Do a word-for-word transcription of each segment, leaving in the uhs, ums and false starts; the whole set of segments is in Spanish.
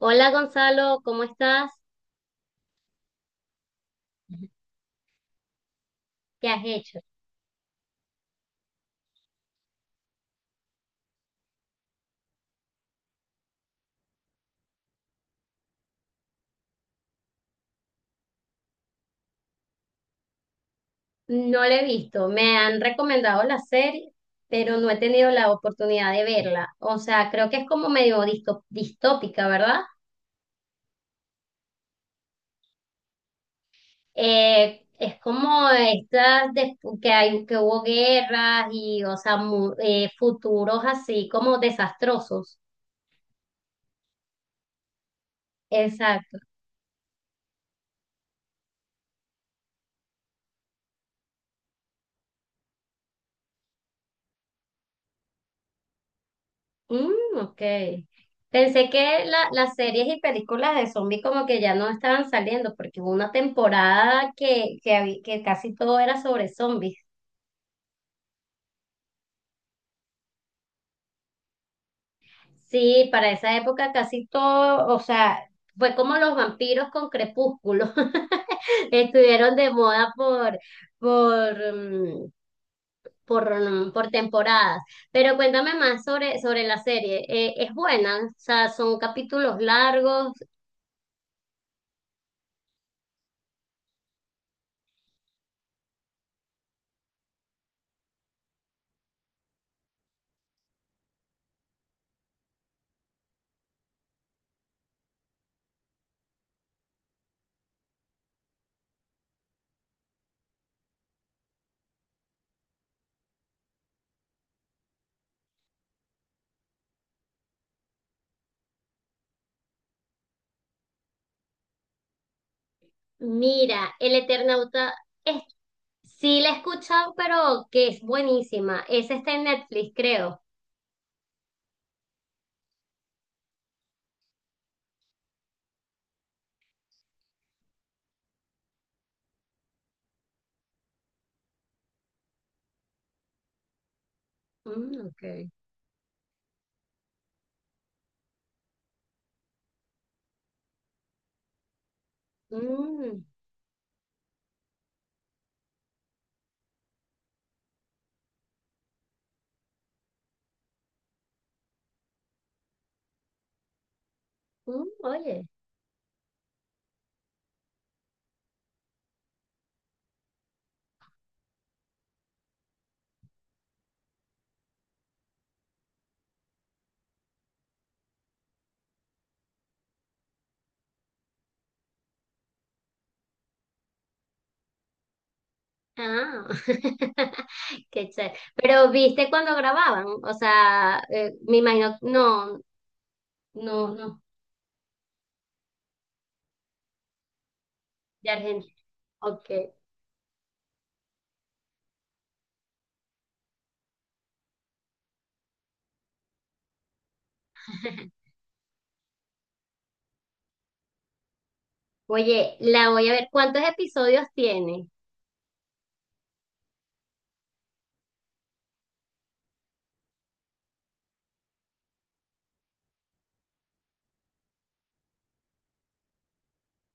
Hola Gonzalo, ¿cómo estás? ¿Qué has hecho? No la he visto. Me han recomendado la serie, pero no he tenido la oportunidad de verla. O sea, creo que es como medio disto- distópica, ¿verdad? Eh, es como estas de- que hay, que hubo guerras y, o sea, mu- eh, futuros así como desastrosos. Exacto. Mm, ok. Pensé que la- las series y películas de zombies como que ya no estaban saliendo, porque hubo una temporada que, que, habí- que casi todo era sobre zombies. Sí, para esa época casi todo, o sea, fue como los vampiros con Crepúsculo. Estuvieron de moda por, por, mm, por, mm, por temporadas. Pero cuéntame más sobre, sobre la serie. Eh, ¿es buena? O sea, son capítulos largos. Mira, El Eternauta es, sí la he escuchado, pero que es buenísima. Esa está en Netflix, creo. Mm, ok. Mm, mm, oye. Ah, qué chévere. Pero viste cuando grababan, o sea, eh, me imagino, no, no, no, de Argentina. Ok. Oye, la voy a ver. ¿Cuántos episodios tiene?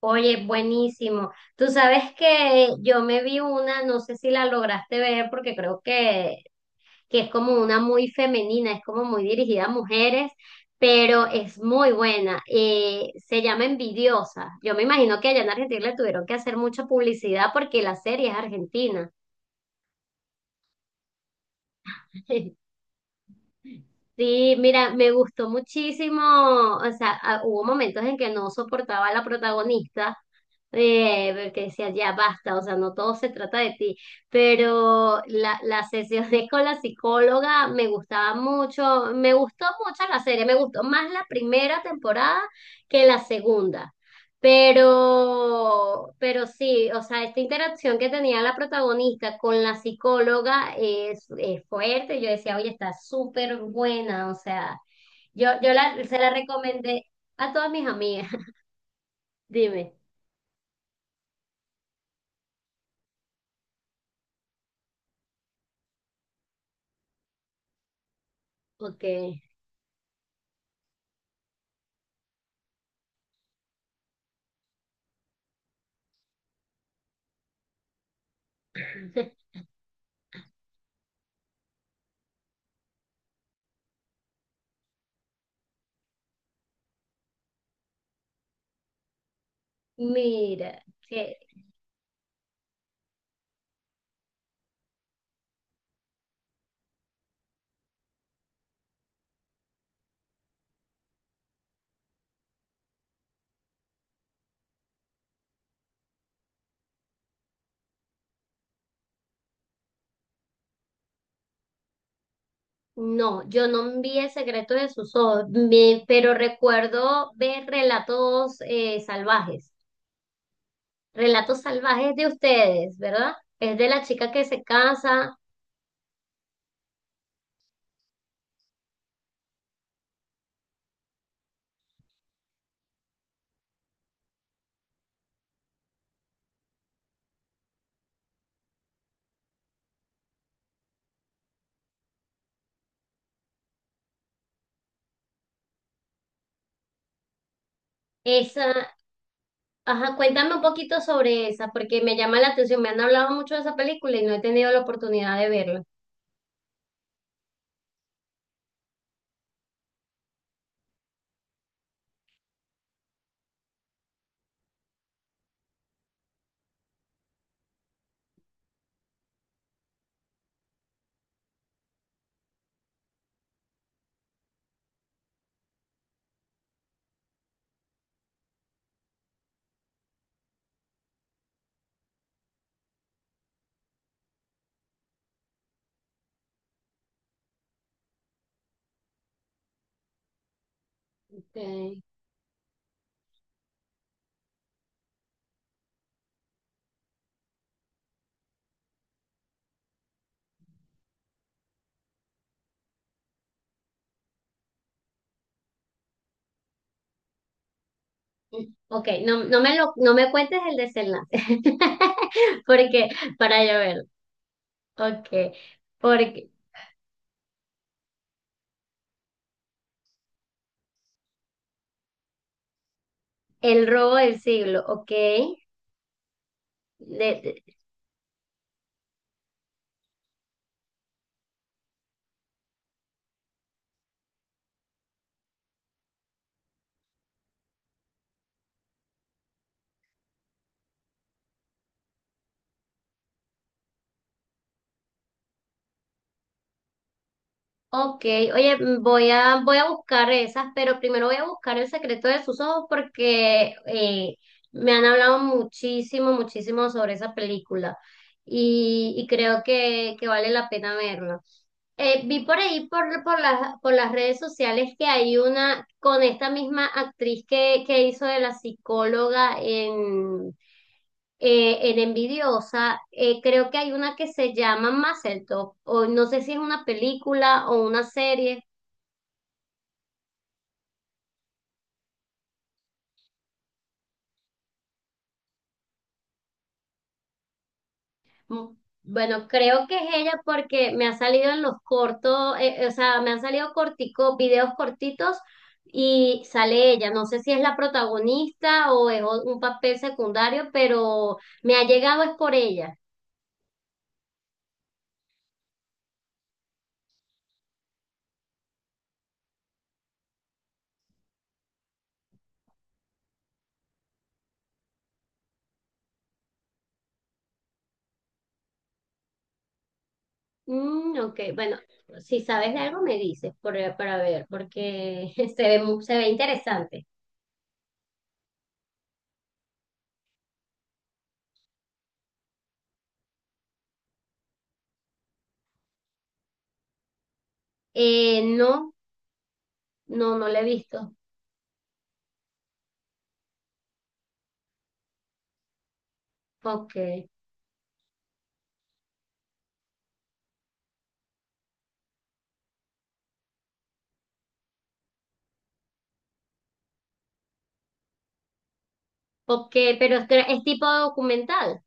Oye, buenísimo. Tú sabes que yo me vi una, no sé si la lograste ver porque creo que que es como una muy femenina, es como muy dirigida a mujeres, pero es muy buena. Eh, se llama Envidiosa. Yo me imagino que allá en Argentina le tuvieron que hacer mucha publicidad porque la serie es argentina. Sí, mira, me gustó muchísimo, o sea, ah, hubo momentos en que no soportaba a la protagonista, eh, porque decía, ya basta, o sea, no todo se trata de ti, pero la, las sesiones con la psicóloga me gustaba mucho, me gustó mucho la serie, me gustó más la primera temporada que la segunda. Pero, pero sí, o sea, esta interacción que tenía la protagonista con la psicóloga es, es fuerte. Yo decía, oye, está súper buena. O sea, yo, yo la, se la recomendé a todas mis amigas. Dime, ok. Mira, que no, yo no vi el secreto de sus ojos, me- pero recuerdo ver relatos eh, salvajes, relatos salvajes de ustedes, ¿verdad? Es de la chica que se casa, esa. Ajá, cuéntame un poquito sobre esa, porque me llama la atención. Me han hablado mucho de esa película y no he tenido la oportunidad de verla. Okay. Ok, no, no me lo, no me cuentes el desenlace, porque para yo verlo. Ok, porque el robo del siglo, ok. De, ok, oye, mm, voy a, voy a buscar esas, pero primero voy a buscar el secreto de sus ojos porque eh, me han hablado muchísimo, muchísimo sobre esa película y, y creo que, que vale la pena verla. Eh, vi por ahí, por, por las, por las redes sociales, que hay una con esta misma actriz que, que hizo de la psicóloga en, eh, en Envidiosa, eh, creo que hay una que se llama Mazel Tov, o no sé si es una película o una serie. Mm, bueno, creo que es ella porque me ha salido en los cortos, eh, eh, o sea, me han salido cortico, videos cortitos y sale ella. No sé si es la protagonista o es o- un papel secundario, pero me ha llegado es por ella. Mm, ok, bueno, si sabes de algo me dices por- para ver, porque se ve, mu- se ve interesante. Eh, no, no, no la he visto. Ok, ok, pero es, es tipo documental.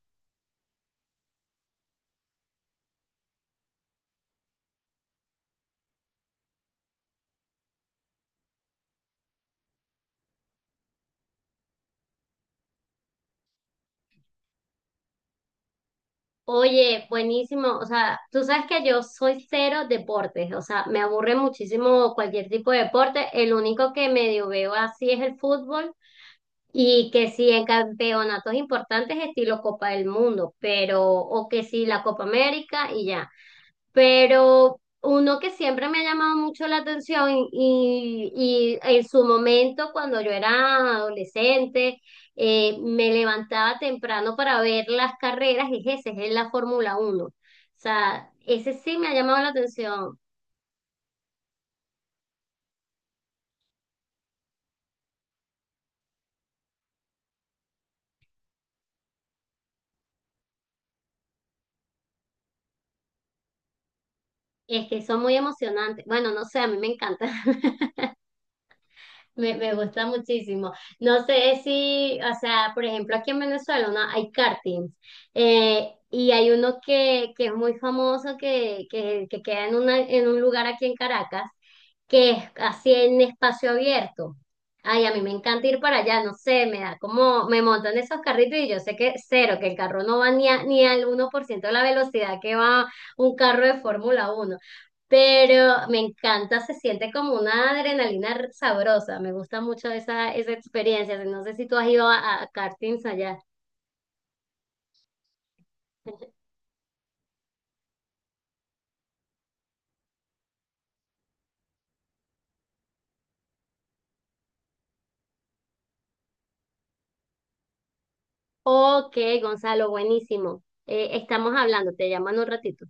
Oye, buenísimo. O sea, tú sabes que yo soy cero deportes. O sea, me aburre muchísimo cualquier tipo de deporte. El único que medio veo así es el fútbol y que sí en campeonatos importantes estilo Copa del Mundo, pero o que sí la Copa América y ya, pero uno que siempre me ha llamado mucho la atención y, y en su momento, cuando yo era adolescente, eh, me levantaba temprano para ver las carreras, es ese, es la Fórmula uno. O sea, ese sí me ha llamado la atención. Es que son muy emocionantes. Bueno, no sé, a mí me encanta. Me, me gusta muchísimo. No sé si, o sea, por ejemplo, aquí en Venezuela, ¿no?, hay kartings eh, y hay uno que, que es muy famoso que, que, que queda en, una, en un lugar aquí en Caracas, que es así en espacio abierto. Ay, a mí me encanta ir para allá, no sé, me da como, me montan esos carritos y yo sé que cero, que el carro no va ni, a- ni al uno por ciento de la velocidad que va un carro de Fórmula uno, pero me encanta, se siente como una adrenalina sabrosa, me gusta mucho esa, esa experiencia, no sé si tú has ido a, a kartings allá. Ok, Gonzalo, buenísimo. Eh, estamos hablando, te llaman un ratito.